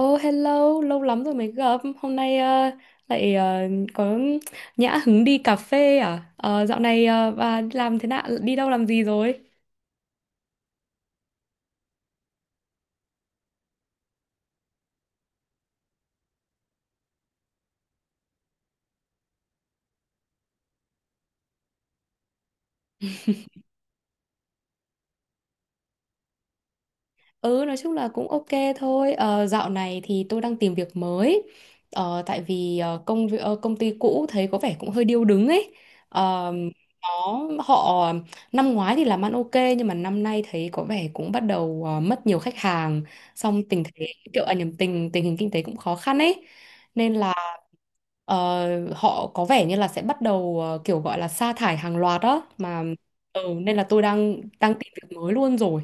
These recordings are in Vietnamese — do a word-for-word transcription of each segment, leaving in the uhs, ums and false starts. Oh hello, lâu lắm rồi mới gặp. Hôm nay ờ, lại ờ, có nhã hứng đi cà phê à? Ờ, Dạo này ờ, bà đi làm thế nào? Đi đâu làm gì rồi? Ừ, nói chung là cũng ok thôi. Ờ, Dạo này thì tôi đang tìm việc mới. Ờ, tại vì ờ, công vi- ờ, công ty cũ thấy có vẻ cũng hơi điêu đứng ấy. Ờ, nó Họ năm ngoái thì làm ăn ok, nhưng mà năm nay thấy có vẻ cũng bắt đầu ờ, mất nhiều khách hàng. Xong tình thế kiểu à, nhầm tình tình hình kinh tế cũng khó khăn ấy, nên là Ờ, họ có vẻ như là sẽ bắt đầu ờ, kiểu gọi là sa thải hàng loạt đó mà. Ừ, nên là tôi đang đang tìm việc mới luôn rồi.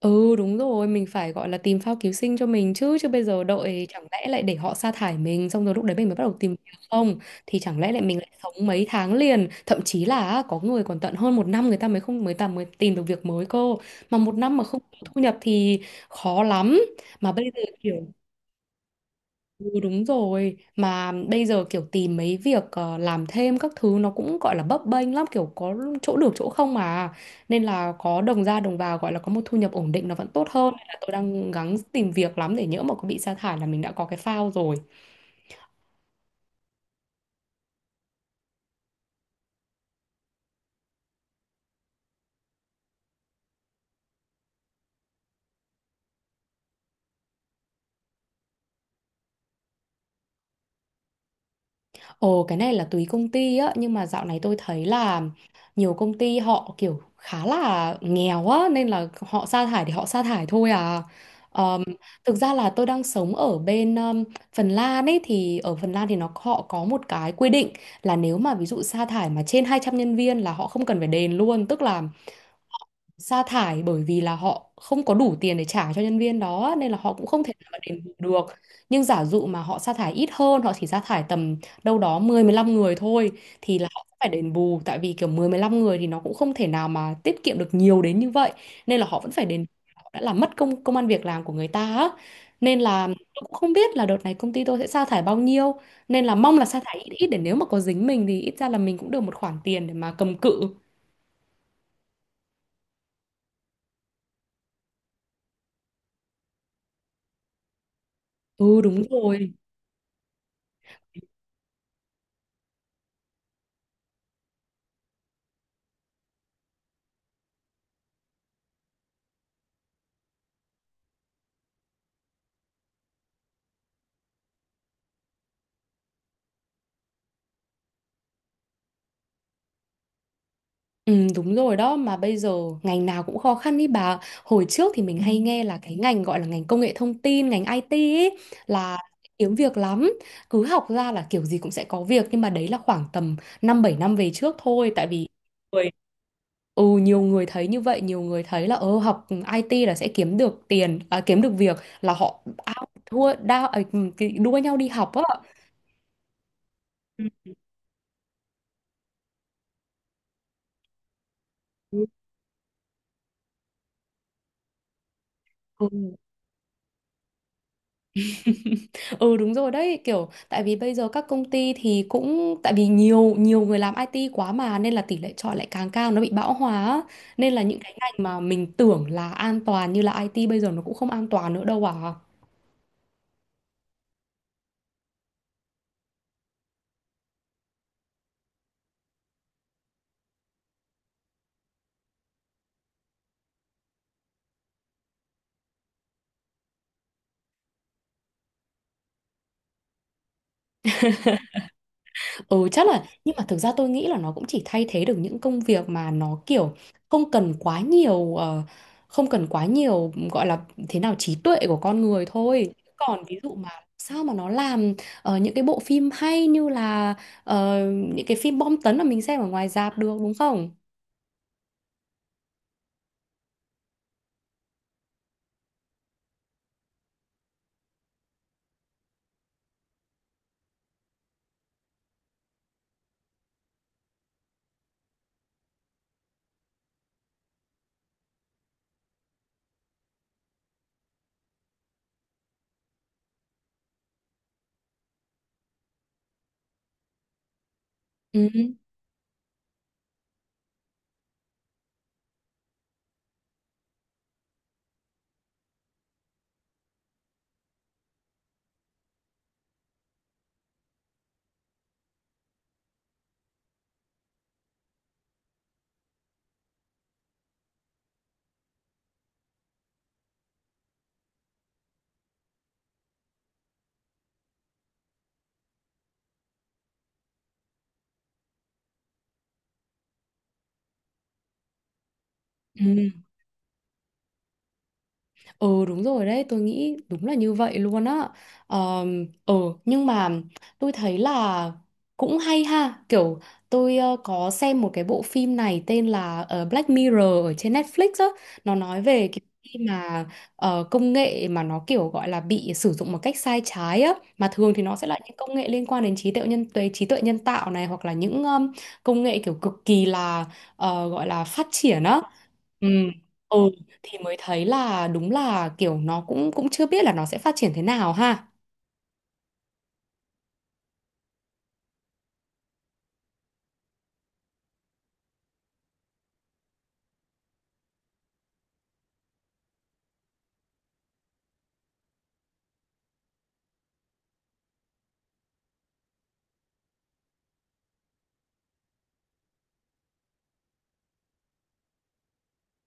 Ừ đúng rồi, mình phải gọi là tìm phao cứu sinh cho mình, chứ chứ bây giờ đợi chẳng lẽ lại để họ sa thải mình xong rồi lúc đấy mình mới bắt đầu tìm việc không? Thì chẳng lẽ lại mình lại sống mấy tháng liền, thậm chí là á, có người còn tận hơn một năm người ta mới không mới ta mới tìm được việc mới cơ. Mà một năm mà không có thu nhập thì khó lắm. Mà bây giờ kiểu Ừ, đúng rồi, mà bây giờ kiểu tìm mấy việc ờ, làm thêm các thứ nó cũng gọi là bấp bênh lắm, kiểu có chỗ được chỗ không mà, nên là có đồng ra đồng vào gọi là có một thu nhập ổn định nó vẫn tốt hơn, nên là tôi đang gắng tìm việc lắm để nhỡ mà có bị sa thải là mình đã có cái phao rồi. Ồ, cái này là tùy công ty á, nhưng mà dạo này tôi thấy là nhiều công ty họ kiểu khá là nghèo á, nên là họ sa thải thì họ sa thải thôi à. Ờm, Thực ra là tôi đang sống ở bên ờm, Phần Lan ấy, thì ở Phần Lan thì nó họ có một cái quy định là nếu mà ví dụ sa thải mà trên hai trăm nhân viên là họ không cần phải đền luôn, tức là sa thải bởi vì là họ không có đủ tiền để trả cho nhân viên đó nên là họ cũng không thể nào mà đền bù được. Nhưng giả dụ mà họ sa thải ít hơn, họ chỉ sa thải tầm đâu đó mười mười lăm người thôi thì là họ sẽ phải đền bù, tại vì kiểu mười mười lăm người thì nó cũng không thể nào mà tiết kiệm được nhiều đến như vậy, nên là họ vẫn phải đền bù. Họ đã làm mất công công ăn việc làm của người ta á. Nên là tôi cũng không biết là đợt này công ty tôi sẽ sa thải bao nhiêu, nên là mong là sa thải ít ít để nếu mà có dính mình thì ít ra là mình cũng được một khoản tiền để mà cầm cự. Ừ đúng rồi. Ừ, đúng rồi đó, mà bây giờ ngành nào cũng khó khăn ý bà. Hồi trước thì mình, Ừ, hay nghe là cái ngành gọi là ngành công nghệ thông tin, ngành ai ti ý, là kiếm việc lắm, cứ học ra là kiểu gì cũng sẽ có việc, nhưng mà đấy là khoảng tầm năm bảy năm về trước thôi, tại vì người- ừ nhiều người thấy như vậy, nhiều người thấy là ờ học i tê là sẽ kiếm được tiền à, kiếm được việc, là họ ao thua đao ấy, ừ, cái- đua nhau đi học á. Ừ. Ừ. Ừ đúng rồi đấy, kiểu tại vì bây giờ các công ty thì cũng tại vì nhiều nhiều người làm i tê quá mà, nên là tỷ lệ chọi lại càng cao, nó bị bão hòa á. Nên là những cái ngành mà mình tưởng là an toàn như là ai ti bây giờ nó cũng không an toàn nữa đâu à. Ừ chắc là, nhưng mà thực ra tôi nghĩ là nó cũng chỉ thay thế được những công việc mà nó kiểu không cần quá nhiều, ờ, không cần quá nhiều gọi là thế nào, trí tuệ của con người thôi. Còn ví dụ mà sao mà nó làm ờ, những cái bộ phim hay như là ờ, những cái phim bom tấn mà mình xem ở ngoài rạp được, đúng không? Ừ. Ừ. Ừ đúng rồi đấy, tôi nghĩ đúng là như vậy luôn á. Ờm, Ừ, nhưng mà tôi thấy là cũng hay ha. Kiểu tôi ờ, có xem một cái bộ phim này tên là ờ, Black Mirror ở trên Netflix á. Nó nói về cái khi mà ờ, công nghệ mà nó kiểu gọi là bị sử dụng một cách sai trái á. Mà thường thì nó sẽ là những công nghệ liên quan đến trí tuệ nhân tuệ trí tuệ nhân tạo này, hoặc là những ờm, công nghệ kiểu cực kỳ là ờ, gọi là phát triển á. Ừ. Ừ thì mới thấy là đúng là kiểu nó cũng cũng chưa biết là nó sẽ phát triển thế nào ha.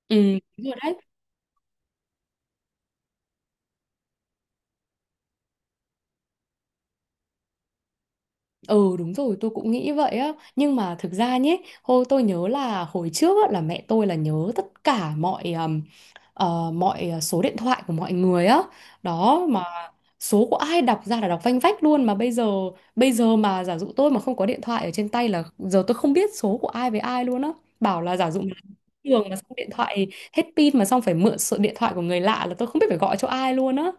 Ừ, đúng rồi đấy. Ừ đúng rồi, tôi cũng nghĩ vậy á. Nhưng mà thực ra nhé, hồi tôi nhớ là hồi trước á, là mẹ tôi là nhớ tất cả mọi um, ờ, Mọi số điện thoại của mọi người á. Đó mà số của ai đọc ra là đọc vanh vách luôn. Mà bây giờ bây giờ mà giả dụ tôi mà không có điện thoại ở trên tay là, giờ tôi không biết số của ai với ai luôn á. Bảo là giả dụ mà trường mà xong điện thoại hết pin, mà xong phải mượn số điện thoại của người lạ là tôi không biết phải gọi cho ai luôn á.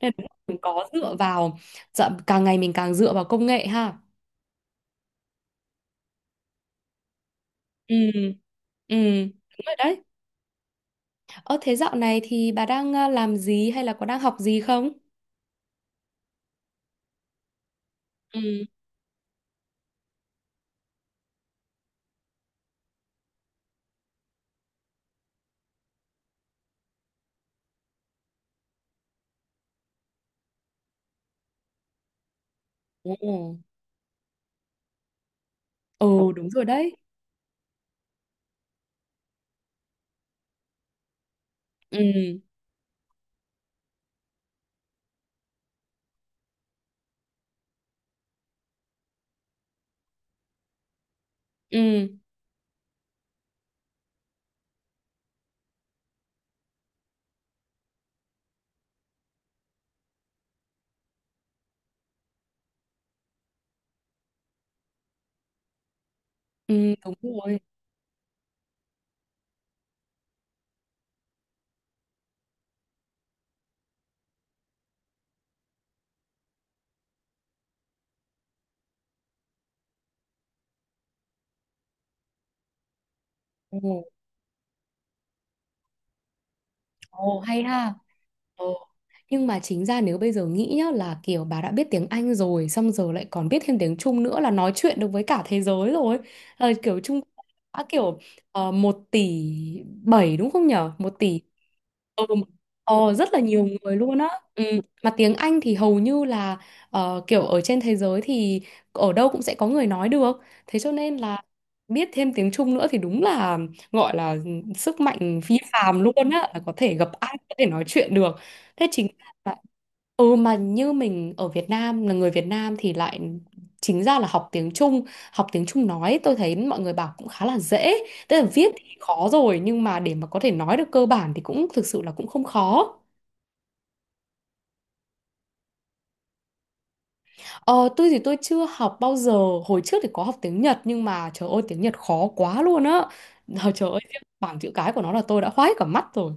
Nên là đúng là mình có dựa vào dạ, càng ngày mình càng dựa vào công nghệ ha. Ừ, ừ, đúng rồi đấy. Ờ thế dạo này thì bà đang à, làm gì hay là có đang học gì không? Ừ. Ồ. Ồ đúng rồi đấy. Ừ, ừ, ừ, đúng rồi. Ồ, ồ hay ha. Ờ. Nhưng mà chính ra nếu bây giờ nghĩ nhá, là kiểu bà đã biết tiếng Anh rồi xong giờ lại còn biết thêm tiếng Trung nữa, là nói chuyện được với cả thế giới rồi. Ờ, kiểu Trung Quốc đã kiểu uh, một tỷ bảy đúng không nhở? Một tỷ. Ừ. Ờ, rất là nhiều người luôn á. Ừ. Mà tiếng Anh thì hầu như là ờ, kiểu ở trên thế giới thì ở đâu cũng sẽ có người nói được. Thế cho nên là biết thêm tiếng Trung nữa thì đúng là gọi là sức mạnh phi phàm luôn á, là có thể gặp ai có thể nói chuyện được. Thế chính lại- Ừ mà như mình ở Việt Nam là người Việt Nam thì lại chính ra là học tiếng Trung, học tiếng Trung nói tôi thấy mọi người bảo cũng khá là dễ, tức là viết thì khó rồi, nhưng mà để mà có thể nói được cơ bản thì cũng thực sự là cũng không khó. Ờ, tôi thì tôi chưa học bao giờ, hồi trước thì có học tiếng Nhật nhưng mà trời ơi tiếng Nhật khó quá luôn á. Ờ, trời ơi riêng bảng chữ cái của nó là tôi đã khoái cả mắt rồi.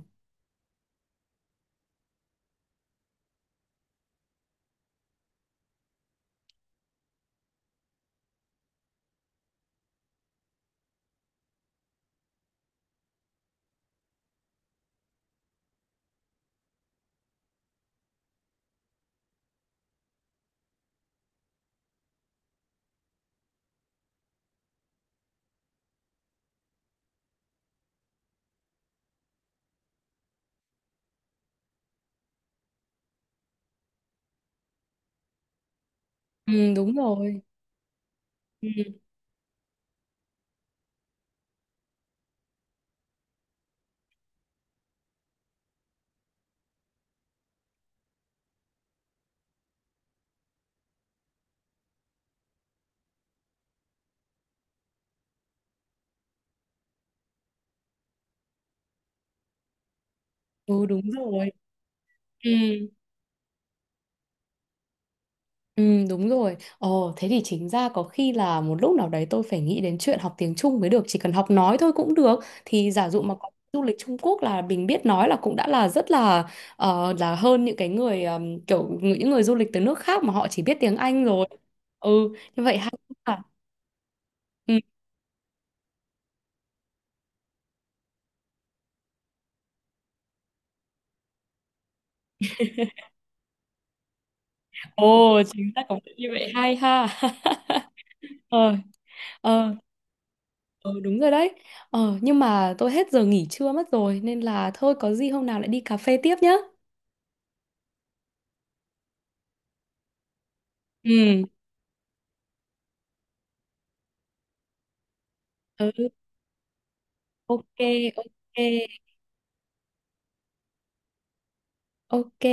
Ừ đúng rồi. Ừ, ừ đúng rồi. Ừ. Ừ, đúng rồi. Ồ, thế thì chính ra có khi là một lúc nào đấy tôi phải nghĩ đến chuyện học tiếng Trung mới được. Chỉ cần học nói thôi cũng được. Thì giả dụ mà có du lịch Trung Quốc là mình biết nói là cũng đã là rất là, ờ, là hơn những cái người, ờm, kiểu những người du lịch từ nước khác mà họ chỉ biết tiếng Anh rồi. Ừ, như vậy hay ha. Ừ. Ồ, chính ra có như vậy hay ha. Ờ, ờ, ờ, Đúng rồi đấy. Ờ, nhưng mà tôi hết giờ nghỉ trưa mất rồi nên là thôi có gì hôm nào lại đi cà phê tiếp nhá. Ừ. Ừ. ok ok ok